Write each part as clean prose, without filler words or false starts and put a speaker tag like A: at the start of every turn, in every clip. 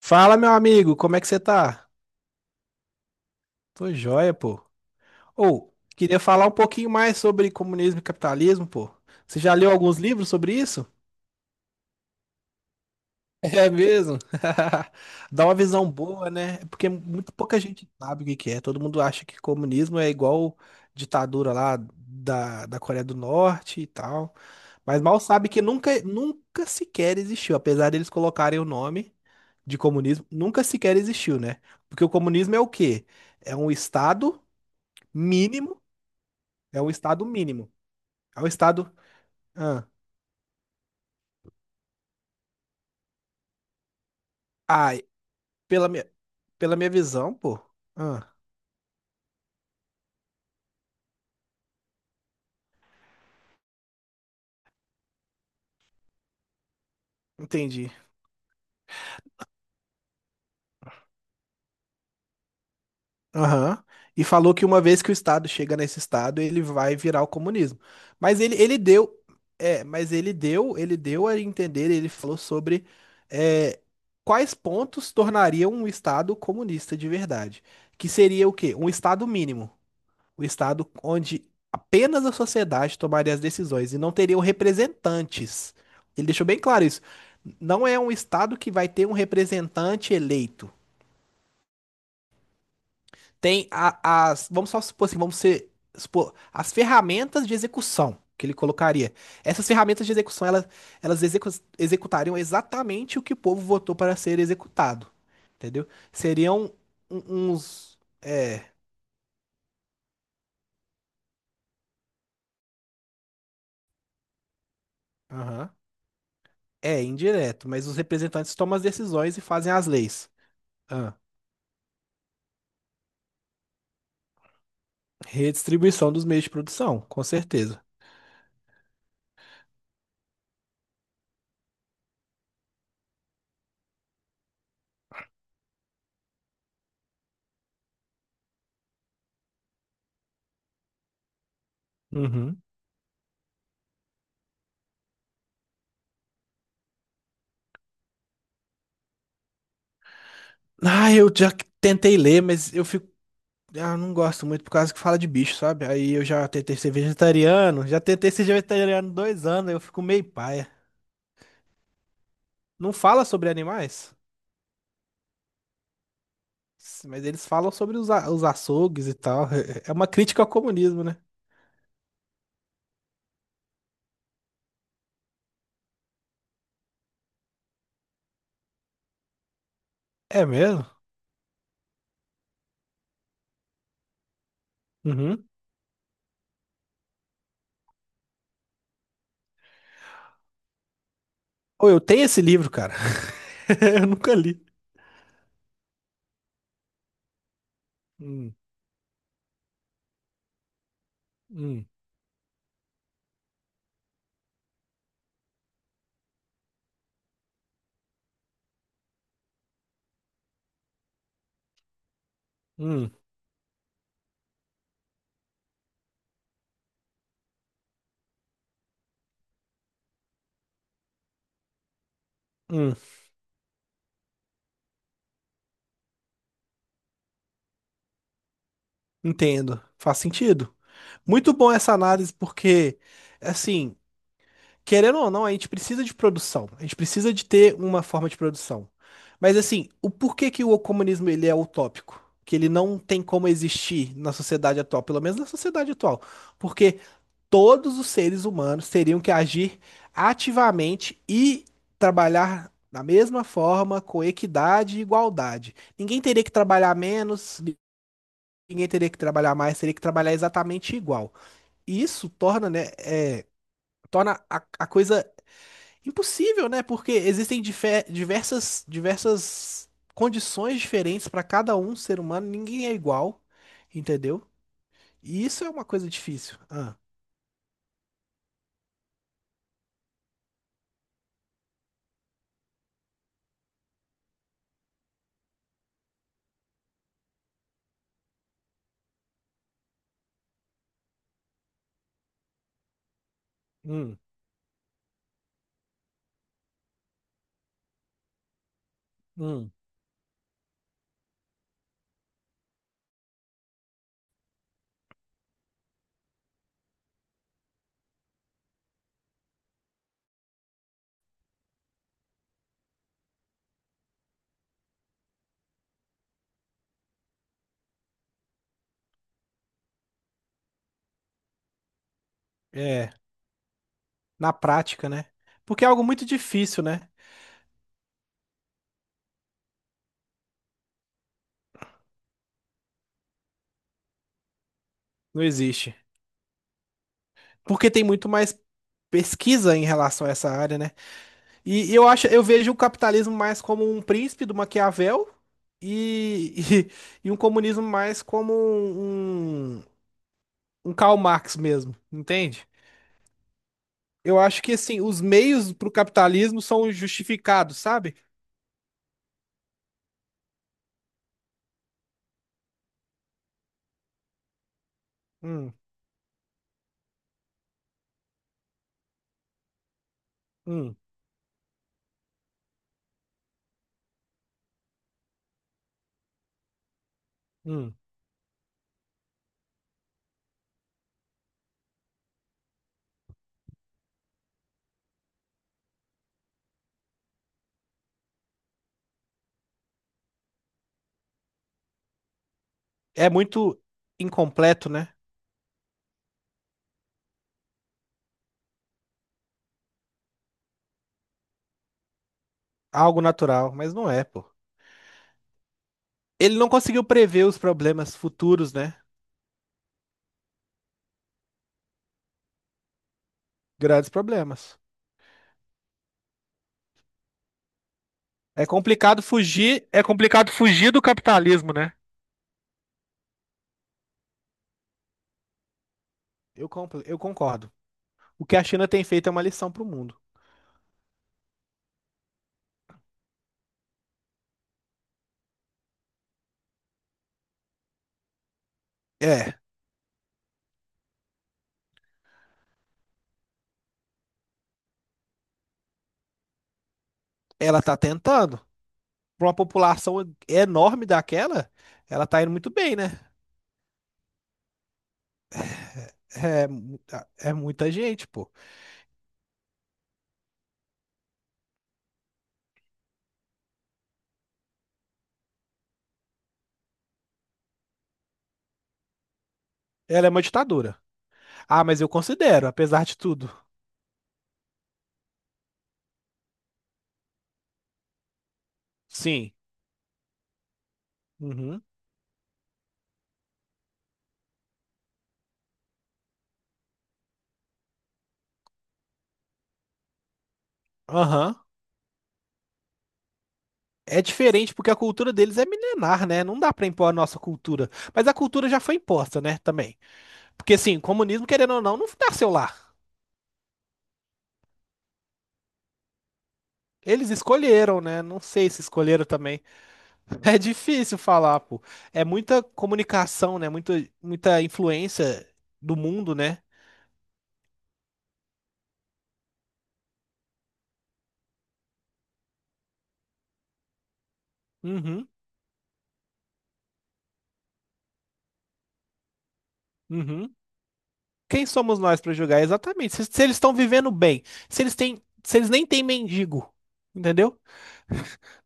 A: Fala, meu amigo, como é que você tá? Tô joia, pô. Ou, queria falar um pouquinho mais sobre comunismo e capitalismo, pô. Você já leu alguns livros sobre isso? É mesmo? Dá uma visão boa, né? É, porque muito pouca gente sabe o que que é. Todo mundo acha que comunismo é igual ditadura lá da Coreia do Norte e tal. Mas mal sabe que nunca, nunca sequer existiu. Apesar deles colocarem o nome de comunismo, nunca sequer existiu, né? Porque o comunismo é o quê? É um Estado mínimo, é um estado mínimo. É um estado. Ah, ai, pela minha, pela minha visão, pô. Ah, entendi. Aham. E falou que uma vez que o estado chega nesse estado, ele vai virar o comunismo. Mas ele deu. É, mas ele deu a entender, ele falou sobre é, quais pontos tornariam um estado comunista de verdade. Que seria o quê? Um estado mínimo. O estado onde apenas a sociedade tomaria as decisões e não teriam representantes. Ele deixou bem claro isso. Não é um estado que vai ter um representante eleito. Tem a- as, vamos só supor assim, vamos ser, supor, as ferramentas de execução que ele colocaria. Essas ferramentas de execução, elas execu- executariam exatamente o que o povo votou para ser executado. Entendeu? Seriam uns. É. Aham. É, indireto, mas os representantes tomam as decisões e fazem as leis. Ah, redistribuição dos meios de produção, com certeza. Uhum. Ah, eu já tentei ler, mas eu fico. Ah, não gosto muito por causa que fala de bicho, sabe? Aí eu já tentei ser vegetariano, já tentei ser vegetariano 2 anos, aí eu fico meio paia. Não fala sobre animais, mas eles falam sobre os açougues e tal. É uma crítica ao comunismo, né? É mesmo? Uhum. Ou eu tenho esse livro, cara. Eu nunca li. Hum, hum, hum. Hum, entendo. Faz sentido. Muito bom essa análise, porque, assim, querendo ou não, a gente precisa de produção. A gente precisa de ter uma forma de produção. Mas, assim, o porquê que o comunismo ele é utópico? Que ele não tem como existir na sociedade atual, pelo menos na sociedade atual. Porque todos os seres humanos teriam que agir ativamente e trabalhar da mesma forma, com equidade e igualdade. Ninguém teria que trabalhar menos, ninguém teria que trabalhar mais, teria que trabalhar exatamente igual. E isso torna, né, torna a coisa impossível, né? Porque existem diversas condições diferentes para cada um ser humano, ninguém é igual, entendeu? E isso é uma coisa difícil. Ah, hum, hum, é, na prática, né? Porque é algo muito difícil, né? Não existe. Porque tem muito mais pesquisa em relação a essa área, né? E eu acho, eu vejo o capitalismo mais como um príncipe do Maquiavel e, e um comunismo mais como um Karl Marx mesmo, entende? Eu acho que assim, os meios para o capitalismo são justificados, sabe? Hum, hum, hum. É muito incompleto, né? Algo natural, mas não é, pô. Ele não conseguiu prever os problemas futuros, né? Grandes problemas. É complicado fugir do capitalismo, né? Eu concordo. O que a China tem feito é uma lição para o mundo. É, ela tá tentando. Para uma população enorme daquela, ela tá indo muito bem, né? É, é muita gente, pô. Ela é uma ditadura. Ah, mas eu considero, apesar de tudo. Sim. Uhum. Aham. É diferente porque a cultura deles é milenar, né? Não dá pra impor a nossa cultura. Mas a cultura já foi imposta, né? Também. Porque, assim, comunismo, querendo ou não, não nasceu lá. Eles escolheram, né? Não sei se escolheram também. É difícil falar, pô. É muita comunicação, né? Muita, muita influência do mundo, né? Uhum, uhum. Quem somos nós para julgar? Exatamente. Se eles estão vivendo bem, se eles têm, se eles nem têm mendigo, entendeu?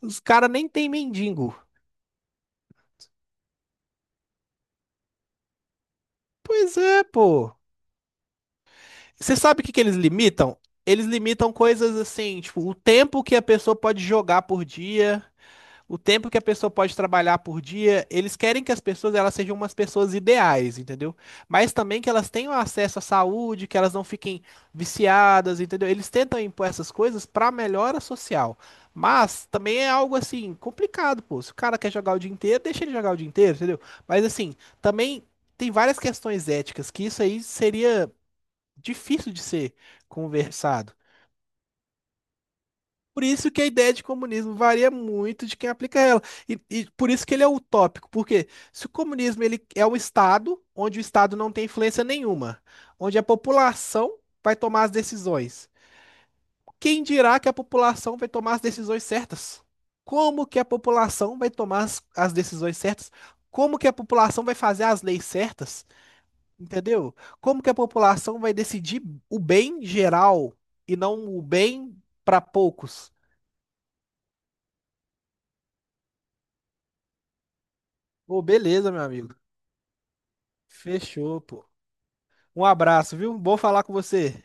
A: Os caras nem têm mendigo. Pois é, pô. Você sabe o que que eles limitam? Eles limitam coisas assim, tipo, o tempo que a pessoa pode jogar por dia. O tempo que a pessoa pode trabalhar por dia, eles querem que as pessoas elas sejam umas pessoas ideais, entendeu? Mas também que elas tenham acesso à saúde, que elas não fiquem viciadas, entendeu? Eles tentam impor essas coisas para melhora social. Mas também é algo assim complicado, pô. Se o cara quer jogar o dia inteiro, deixa ele jogar o dia inteiro, entendeu? Mas assim, também tem várias questões éticas que isso aí seria difícil de ser conversado. Por isso que a ideia de comunismo varia muito de quem aplica ela. E por isso que ele é utópico, porque se o comunismo ele é um Estado onde o Estado não tem influência nenhuma, onde a população vai tomar as decisões, quem dirá que a população vai tomar as decisões certas? Como que a população vai tomar as, as decisões certas? Como que a população vai fazer as leis certas? Entendeu? Como que a população vai decidir o bem geral e não o bem para poucos? Ô, beleza, meu amigo. Fechou, pô. Um abraço, viu? Bom falar com você.